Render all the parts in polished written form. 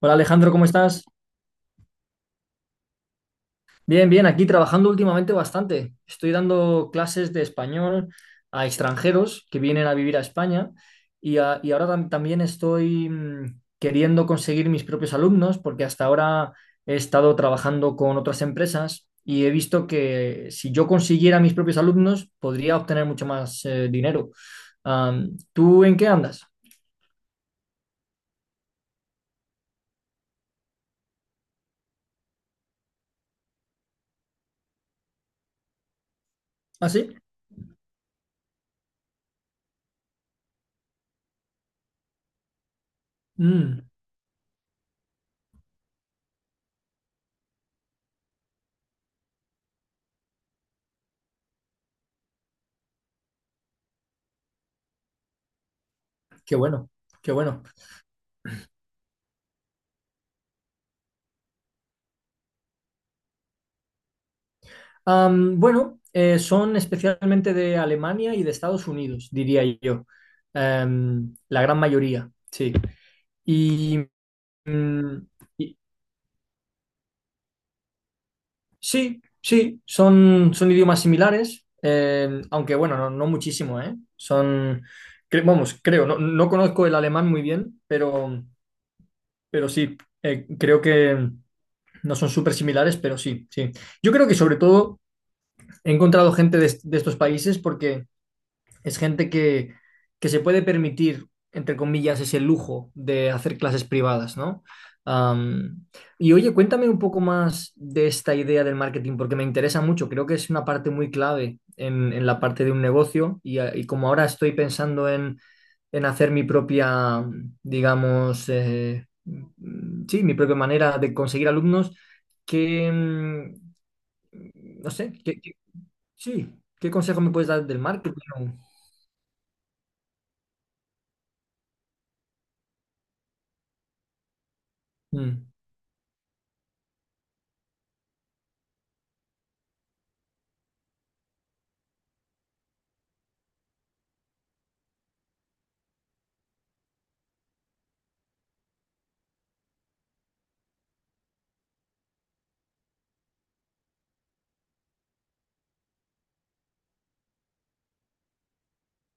Hola Alejandro, ¿cómo estás? Bien, bien, aquí trabajando últimamente bastante. Estoy dando clases de español a extranjeros que vienen a vivir a España y ahora también estoy queriendo conseguir mis propios alumnos porque hasta ahora he estado trabajando con otras empresas y he visto que si yo consiguiera mis propios alumnos podría obtener mucho más dinero. ¿Tú en qué andas? ¿Ah, sí? Mm, Qué bueno, qué bueno. Bueno, son especialmente de Alemania y de Estados Unidos, diría yo. La gran mayoría, sí. Y, mm, y- sí, sí, son idiomas similares, aunque bueno, no, no muchísimo, ¿eh? Son, vamos, creo, no, no conozco el alemán muy bien, pero, pero sí, creo que no son súper similares, pero sí, sí. Yo creo que sobre todo he encontrado gente de estos países porque es gente que, se puede permitir, entre comillas, ese lujo de hacer clases privadas, ¿no? Am, y oye, cuéntame un poco más de esta idea del marketing, porque me interesa mucho. Creo que es una parte muy clave en la parte de un negocio y como ahora estoy pensando en, hacer mi propia, digamos, sí, mi propia manera de conseguir alumnos, que, mm, no sé, sí, ¿qué consejo me puedes dar del marketing? Mm.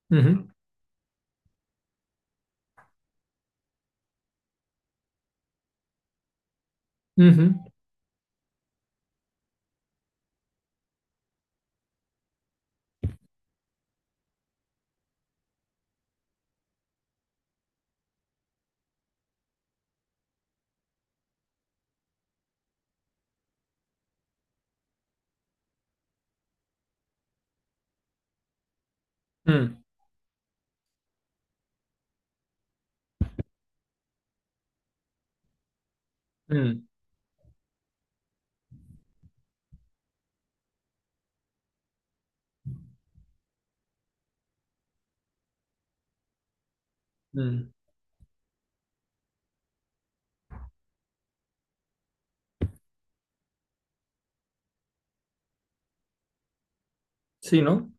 Ujú, ujú, mm, mm, mm. Sí, ¿no?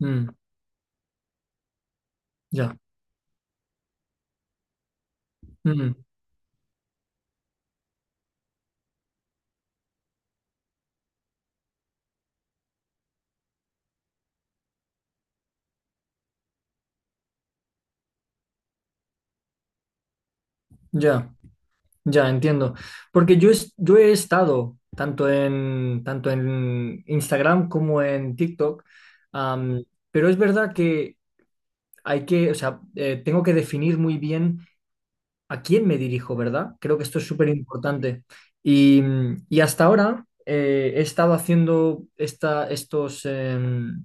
Mm, ya, mm, ya, ya, entiendo. Porque yo he estado tanto en Instagram como en TikTok, am, pero es verdad que hay que, o sea, tengo que definir muy bien. ¿A quién me dirijo, verdad? Creo que esto es súper importante. Y hasta ahora he estado haciendo estos,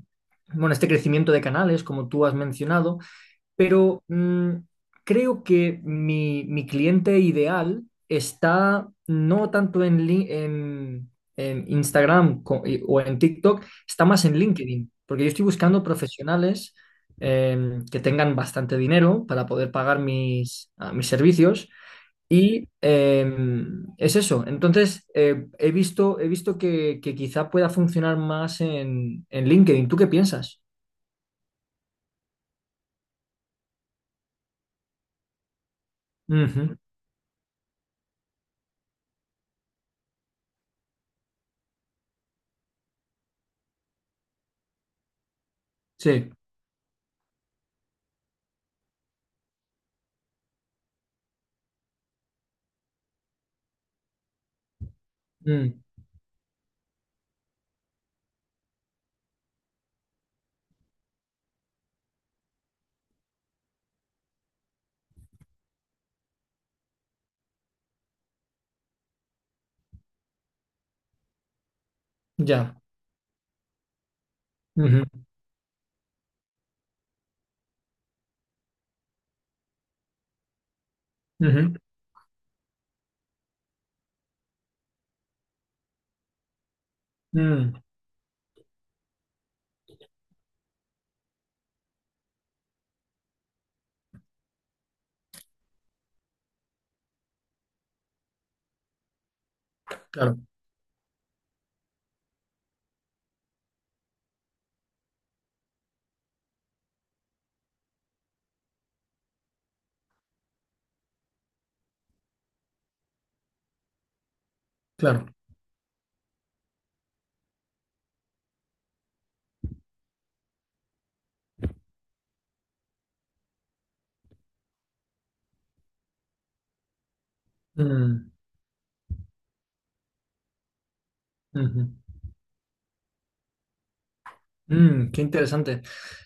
bueno, este crecimiento de canales, como tú has mencionado, pero creo que mi cliente ideal está no tanto en Instagram, o en TikTok, está más en LinkedIn, porque yo estoy buscando profesionales que tengan bastante dinero para poder pagar mis servicios. Y es eso. Entonces, he visto que quizá pueda funcionar más en LinkedIn. ¿Tú qué piensas? Ujú, sí. Mm, ya. Ujú. Ujú, mm, claro, claro. Mm, ujú, qué interesante.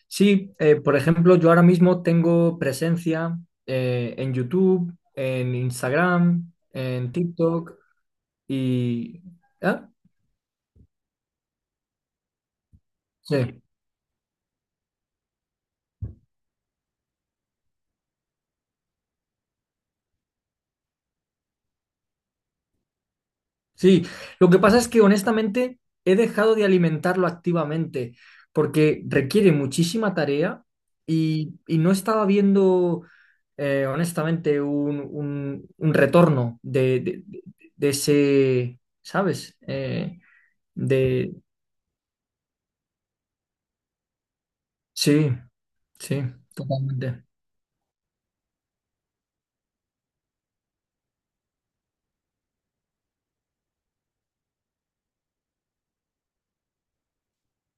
Sí, por ejemplo, yo ahora mismo tengo presencia en YouTube, en Instagram, en TikTok y... ¿Ah? Sí. Sí, lo que pasa es que honestamente he dejado de alimentarlo activamente porque requiere muchísima tarea y no estaba viendo honestamente un retorno de ese, ¿sabes? De... Sí, sí, totalmente.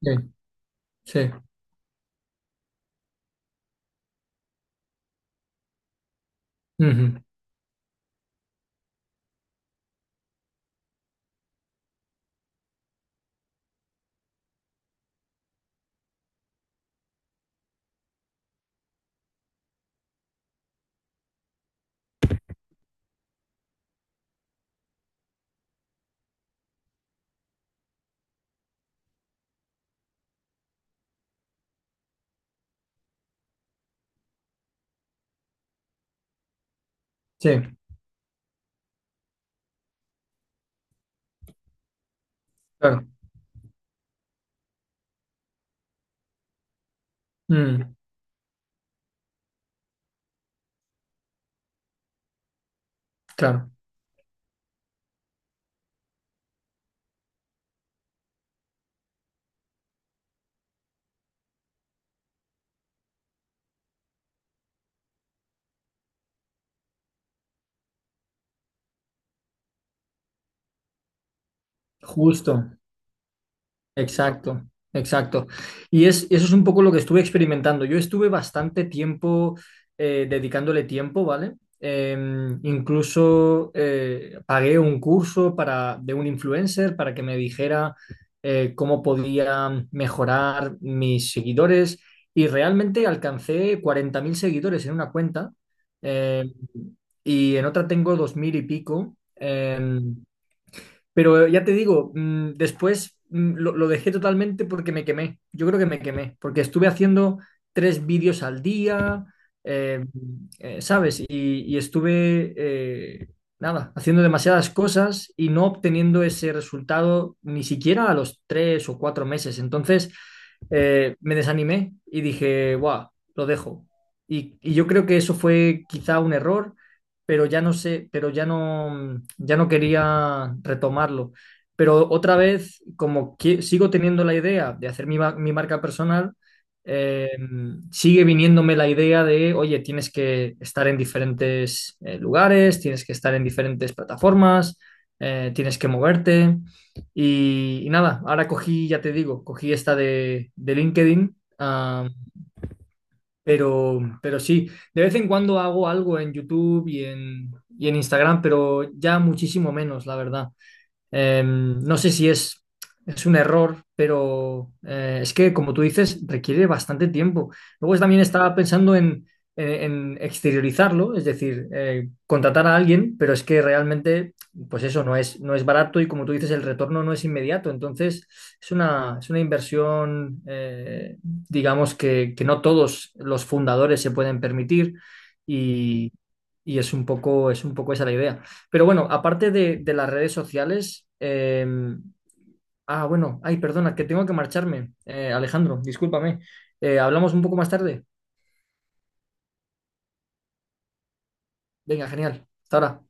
Sí, sí, ujú, sí, claro, mm, claro, justo. Exacto, exacto. Y eso es un poco lo que estuve experimentando. Yo estuve bastante tiempo dedicándole tiempo, ¿vale? Eh, Incluso pagué un curso de un influencer para que me dijera cómo podía mejorar mis seguidores y realmente alcancé 40.000 seguidores en una cuenta, eh, y en otra tengo 2.000 y pico. Pero ya te digo, después lo dejé totalmente porque me quemé. Yo creo que me quemé, porque estuve haciendo tres vídeos al día, eh, ¿sabes? Y estuve, nada, haciendo demasiadas cosas y no obteniendo ese resultado ni siquiera a los 3 o 4 meses. Entonces, me desanimé y dije, guau, lo dejo. Y yo creo que eso fue quizá un error, pero ya no sé, pero ya no quería retomarlo. Pero otra vez, como que sigo teniendo la idea de hacer mi marca personal, eh, sigue viniéndome la idea de, oye, tienes que estar en diferentes lugares, tienes que estar en diferentes plataformas, tienes que moverte. Y nada, ahora cogí, ya te digo, cogí esta de LinkedIn, pero, de vez en cuando hago algo en YouTube y en, Instagram, pero ya muchísimo menos, la verdad. No sé si es un error, pero es que, como tú dices, requiere bastante tiempo. Luego también estaba pensando en exteriorizarlo, es decir, contratar a alguien, pero es que realmente, pues eso no es barato y, como tú dices, el retorno no es inmediato. Entonces, es una inversión, digamos, que no todos los fundadores se pueden permitir y, y es un poco esa la idea. Pero bueno, aparte de las redes sociales, bueno, ay, perdona, que tengo que marcharme. Alejandro, discúlpame. Hablamos un poco más tarde. Venga, genial. Hasta ahora.